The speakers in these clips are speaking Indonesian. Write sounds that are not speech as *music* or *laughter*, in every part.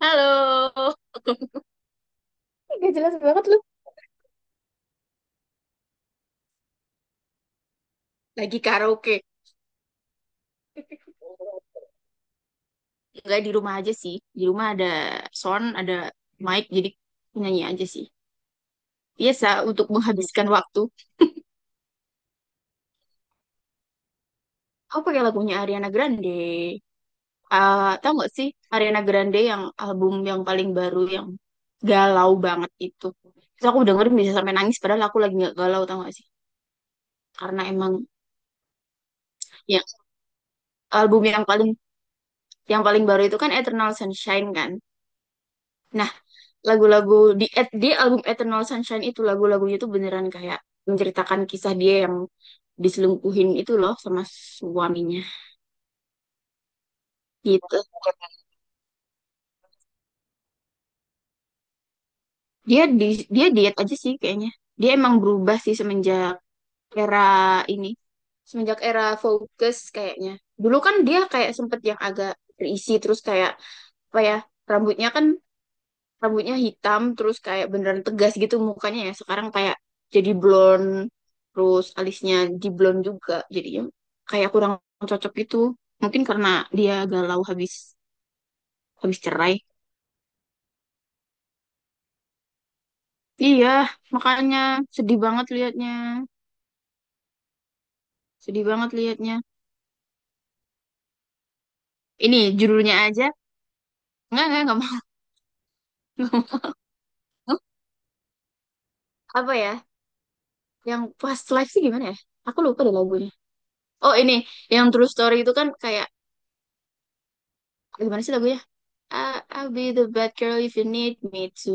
Halo, *laughs* Gak jelas banget lu. Lagi karaoke. Enggak di rumah aja sih. Di rumah ada sound, ada mic, jadi nyanyi aja sih. Biasa untuk menghabiskan waktu. Aku pakai lagunya Ariana Grande. Ah, tahu nggak sih Ariana Grande yang album yang paling baru yang galau banget itu. Terus aku dengerin bisa sampai nangis padahal aku lagi nggak galau tau gak sih? Karena emang ya album yang paling baru itu kan Eternal Sunshine kan. Lagu-lagu di album Eternal Sunshine itu lagu-lagunya tuh beneran kayak menceritakan kisah dia yang diselingkuhin itu loh sama suaminya gitu. Dia di dia diet aja sih kayaknya. Dia emang berubah sih semenjak era ini, semenjak era Focus kayaknya. Dulu kan dia kayak sempet yang agak berisi terus kayak apa ya rambutnya kan rambutnya hitam terus kayak beneran tegas gitu mukanya, ya sekarang kayak jadi blonde terus alisnya di blonde juga jadinya kayak kurang cocok gitu, mungkin karena dia galau habis habis cerai. Iya, makanya sedih banget liatnya, sedih banget liatnya. Ini judulnya aja enggak mau. *laughs* Nggak mau. Apa ya yang past life sih gimana ya, aku lupa deh lagunya. Oh ini, yang true story itu kan kayak gimana sih lagunya. I'll be the bad girl if you need me to.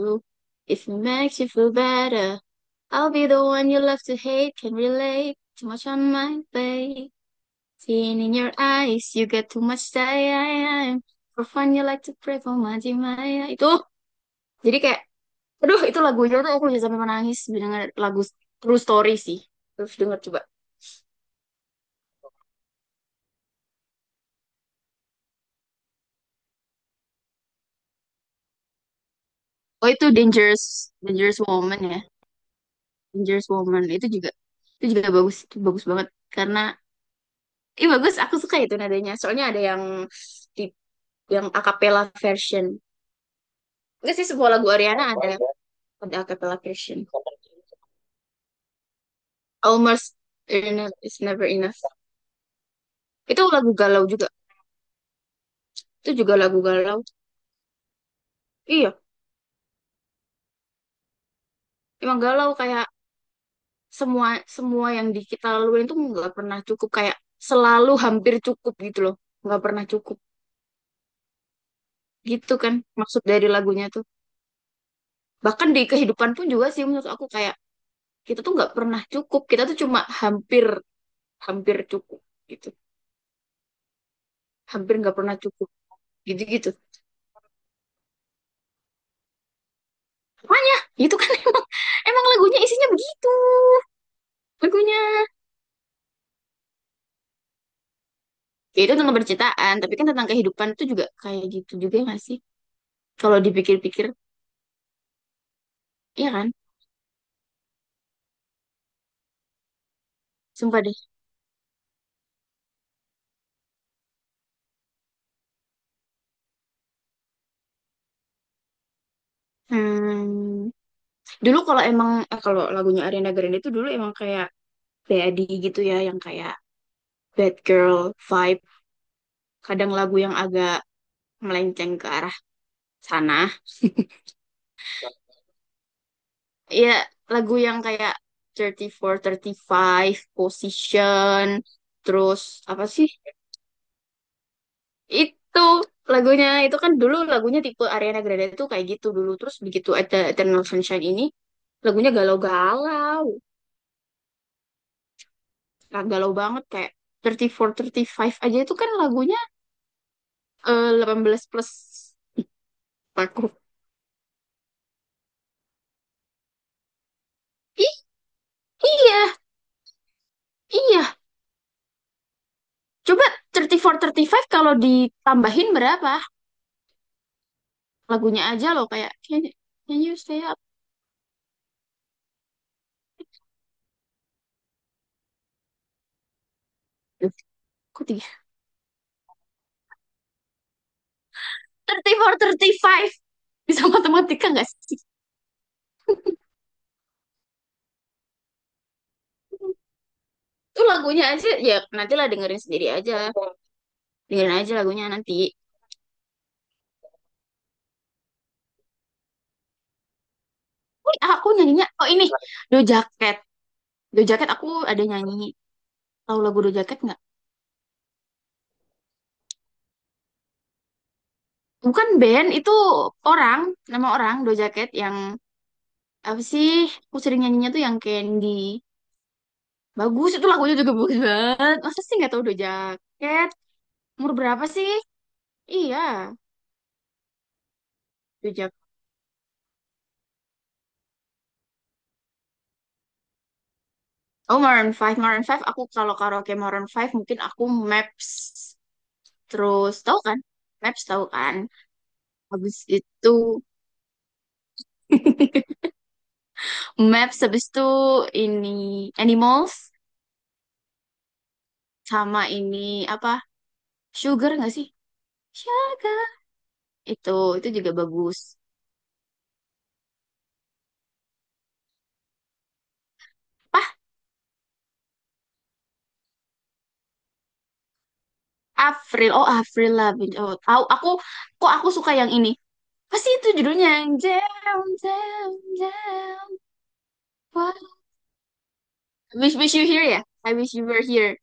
If it makes you feel better, I'll be the one you love to hate. Can relate too much on my plate. Seen in your eyes, you get too much time. For fun, you like to pray for my Maya. Itu jadi kayak, aduh itu lagunya tuh aku bisa sampai menangis mendengar lagu True Story sih. Terus denger coba. Oh itu Dangerous Woman ya. Dangerous Woman itu juga bagus, itu bagus banget karena ih bagus, aku suka itu nadanya. Soalnya ada yang di yang a cappella version. Enggak sih sebuah lagu Ariana ada a cappella version. Almost enough is never enough. Itu lagu galau juga. Itu juga lagu galau. Iya, emang galau kayak semua semua yang di kita laluin itu nggak pernah cukup, kayak selalu hampir cukup gitu loh. Nggak pernah cukup gitu kan maksud dari lagunya tuh. Bahkan di kehidupan pun juga sih menurut aku kayak kita tuh nggak pernah cukup. Kita tuh cuma hampir hampir cukup gitu, hampir nggak pernah cukup gitu-gitu. Itu kan emang *laughs* emang lagunya isinya begitu. Lagunya ya itu tentang percintaan, tapi kan tentang kehidupan itu juga kayak gitu juga nggak sih kalau dipikir-pikir. Iya kan, sumpah deh. Hmm. Dulu kalau emang kalau lagunya Ariana Grande itu dulu emang kayak Daddy gitu ya yang kayak bad girl vibe, kadang lagu yang agak melenceng ke arah sana, ya lagu yang kayak 34, 35, Position, terus apa sih? Itu lagunya itu kan dulu lagunya tipe Ariana Grande itu kayak gitu dulu, terus begitu ada Eternal Sunshine ini lagunya galau-galau. Nah, galau banget kayak 34, 35 aja itu kan lagunya 18+ aku. I- iya, iya. Coba 34, 35 kalau ditambahin berapa? Lagunya aja loh kayak can you stay up? Duh, kok tiga tiga puluh empat tiga puluh lima Bisa matematika nggak sih? Itu lagunya aja, ya nantilah dengerin sendiri aja. Dengerin aja lagunya nanti. Wih, aku nyanyinya, oh ini, Do Jacket. Do Jacket aku ada nyanyi. Tahu lagu Do Jacket nggak? Bukan band, itu orang, nama orang Do Jacket yang, apa sih, aku sering nyanyinya tuh yang Candy. Bagus, itu lagunya juga bagus banget. Masa sih nggak tahu Do Jacket? Umur berapa sih? Iya, Do Jacket. Oh, Maroon Five, Maroon Five. Aku kalau karaoke Maroon Five mungkin aku Maps. Terus, tahu kan? Maps tahu kan? Habis itu *laughs* Maps, habis itu ini Animals, sama ini apa? Sugar nggak sih? Sugar. Itu, itu, juga bagus. Pah, Avril. Oh, Avril Lavigne. Oh, tahu aku, kok aku suka yang ini. Pasti itu judulnya yang Jam, Jam, Jam. What? I Wish, wish you here ya? I wish you were here.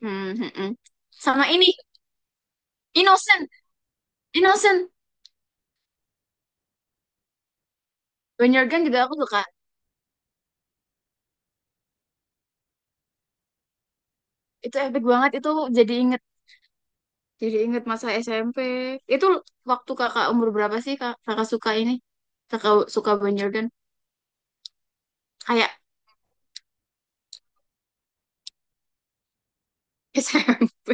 Hmm hmm, hmm. Sama ini Innocent, Innocent. Banyer Gun juga aku suka. Itu epic banget. Itu jadi inget, jadi inget masa SMP. Itu waktu kakak umur berapa sih kak, kakak suka ini? Kakak suka Banyer Gun? Kayak *laughs* SMP.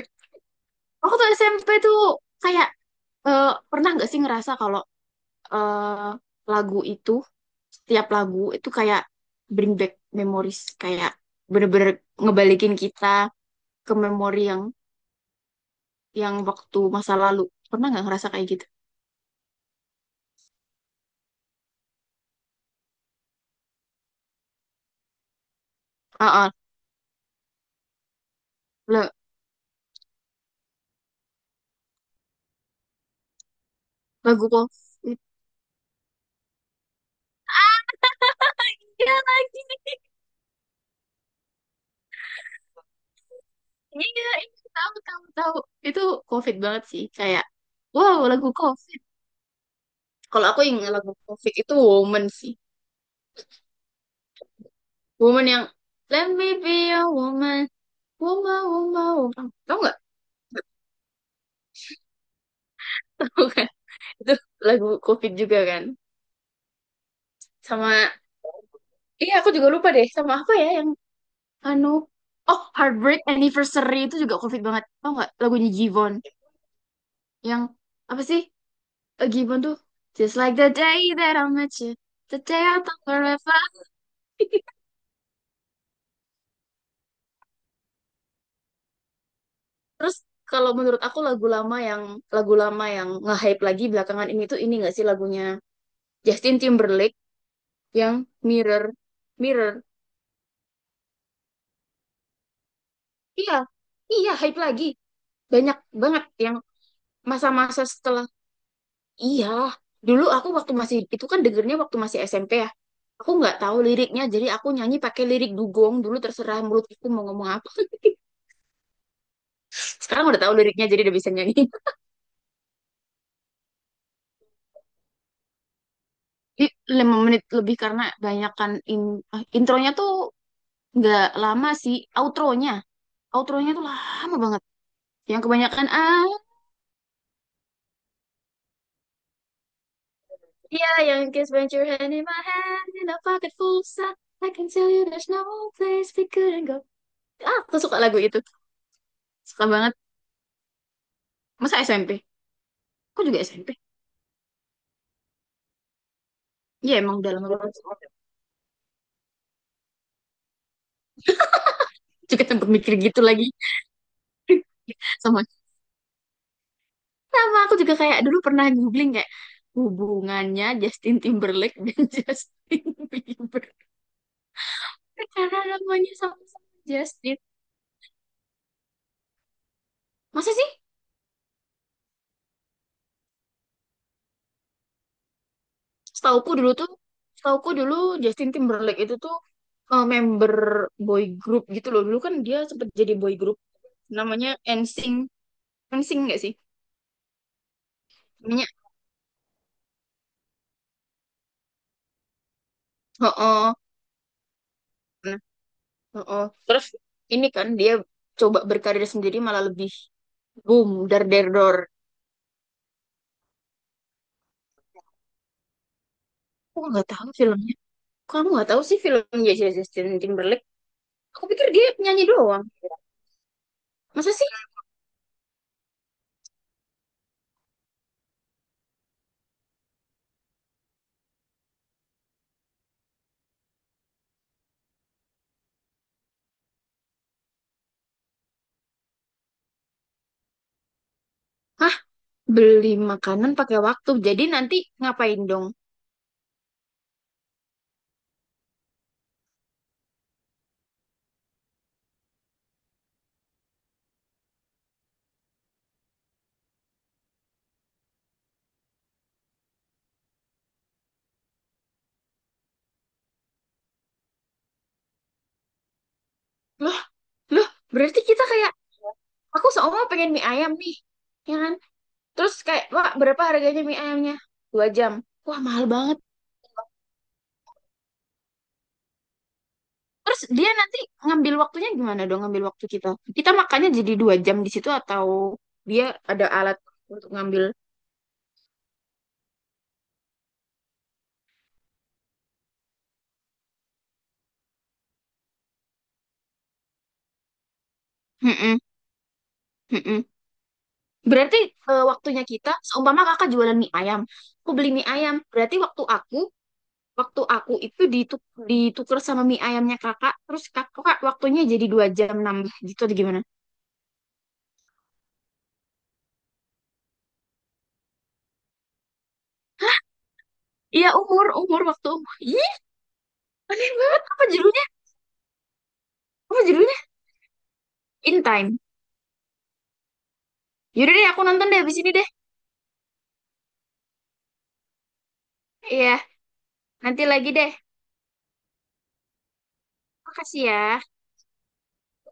Waktu SMP tuh kayak pernah nggak sih ngerasa kalau eh, lagu itu, setiap lagu itu kayak bring back memories, kayak bener-bener ngebalikin kita ke memori yang waktu masa lalu. Pernah nggak ngerasa kayak gitu? Ah, ah, le- lagu COVID. Ya lagi, iya, itu tahu, tahu, tahu. Itu COVID banget sih, kayak, wow, lagu COVID. Kalau aku yang lagu COVID itu Woman sih. Woman yang, let me be a woman, woman, woman, woman. Tahu nggak? *laughs* Tahu kan? Itu lagu COVID juga kan. Sama, iya aku juga lupa deh, sama apa ya yang, anu, oh, Heartbreak Anniversary itu juga COVID banget. Tahu nggak lagunya Jivon? Yang apa sih? Eh, gimana tuh? Just like the day that I met you, the day I thought forever. Terus kalau menurut aku lagu lama yang nge-hype lagi belakangan ini tuh ini gak sih lagunya Justin Timberlake yang Mirror, Mirror. Iya, iya hype lagi. Banyak banget yang masa-masa setelah. Iya, dulu aku waktu masih itu kan dengernya waktu masih SMP ya. Aku nggak tahu liriknya, jadi aku nyanyi pakai lirik dugong. Dulu terserah mulutku mau ngomong apa. Sekarang udah tahu liriknya, jadi udah bisa nyanyi. 5 menit lebih karena banyakan intronya tuh nggak lama sih, outronya outronya tuh lama banget yang kebanyakan ah. Iya, yang kiss when your hand in my hand in a pocket full of sand. I can tell you there's no place we couldn't go. Ah, aku suka lagu itu. Suka banget masa SMP, aku juga SMP. Iya emang dalam lama banget juga tempat mikir gitu lagi. Sama, sama aku juga kayak dulu pernah googling kayak hubungannya Justin Timberlake dan *laughs* Justin Bieber, karena namanya sama-sama Justin. Masa sih? Setauku dulu tuh, setauku dulu Justin Timberlake itu tuh member boy group gitu loh. Dulu kan dia sempet jadi boy group namanya NSYNC. NSYNC nggak sih? Namanya. Heeh. Nah, heeh. Terus ini kan dia coba berkarir sendiri malah lebih boom dar der dor. Aku nggak tahu filmnya. Kamu nggak tahu sih filmnya Justin Timberlake? Aku pikir dia penyanyi doang. Masa sih? Hah? Beli makanan pakai waktu. Jadi nanti ngapain dong? Loh, loh, berarti kita kayak aku seumur pengen mie ayam nih. Ya kan? Terus kayak, "Wah, berapa harganya mie ayamnya?" 2 jam. Wah, mahal banget. Terus dia nanti ngambil waktunya gimana dong, ngambil waktu kita? Kita makannya jadi 2 jam di situ, atau dia ada alat untuk ngambil? Mm-mm, mm-mm. Berarti waktunya kita, seumpama kakak jualan mie ayam, aku beli mie ayam. Berarti waktu aku itu ditukar sama mie ayamnya kakak, terus kakak waktunya jadi 2 jam nambah gitu atau gimana. Iya umur umur waktu umur ih aneh banget, apa judulnya in time. Yaudah deh, aku nonton deh abis ini deh. Iya nanti lagi deh, makasih ya.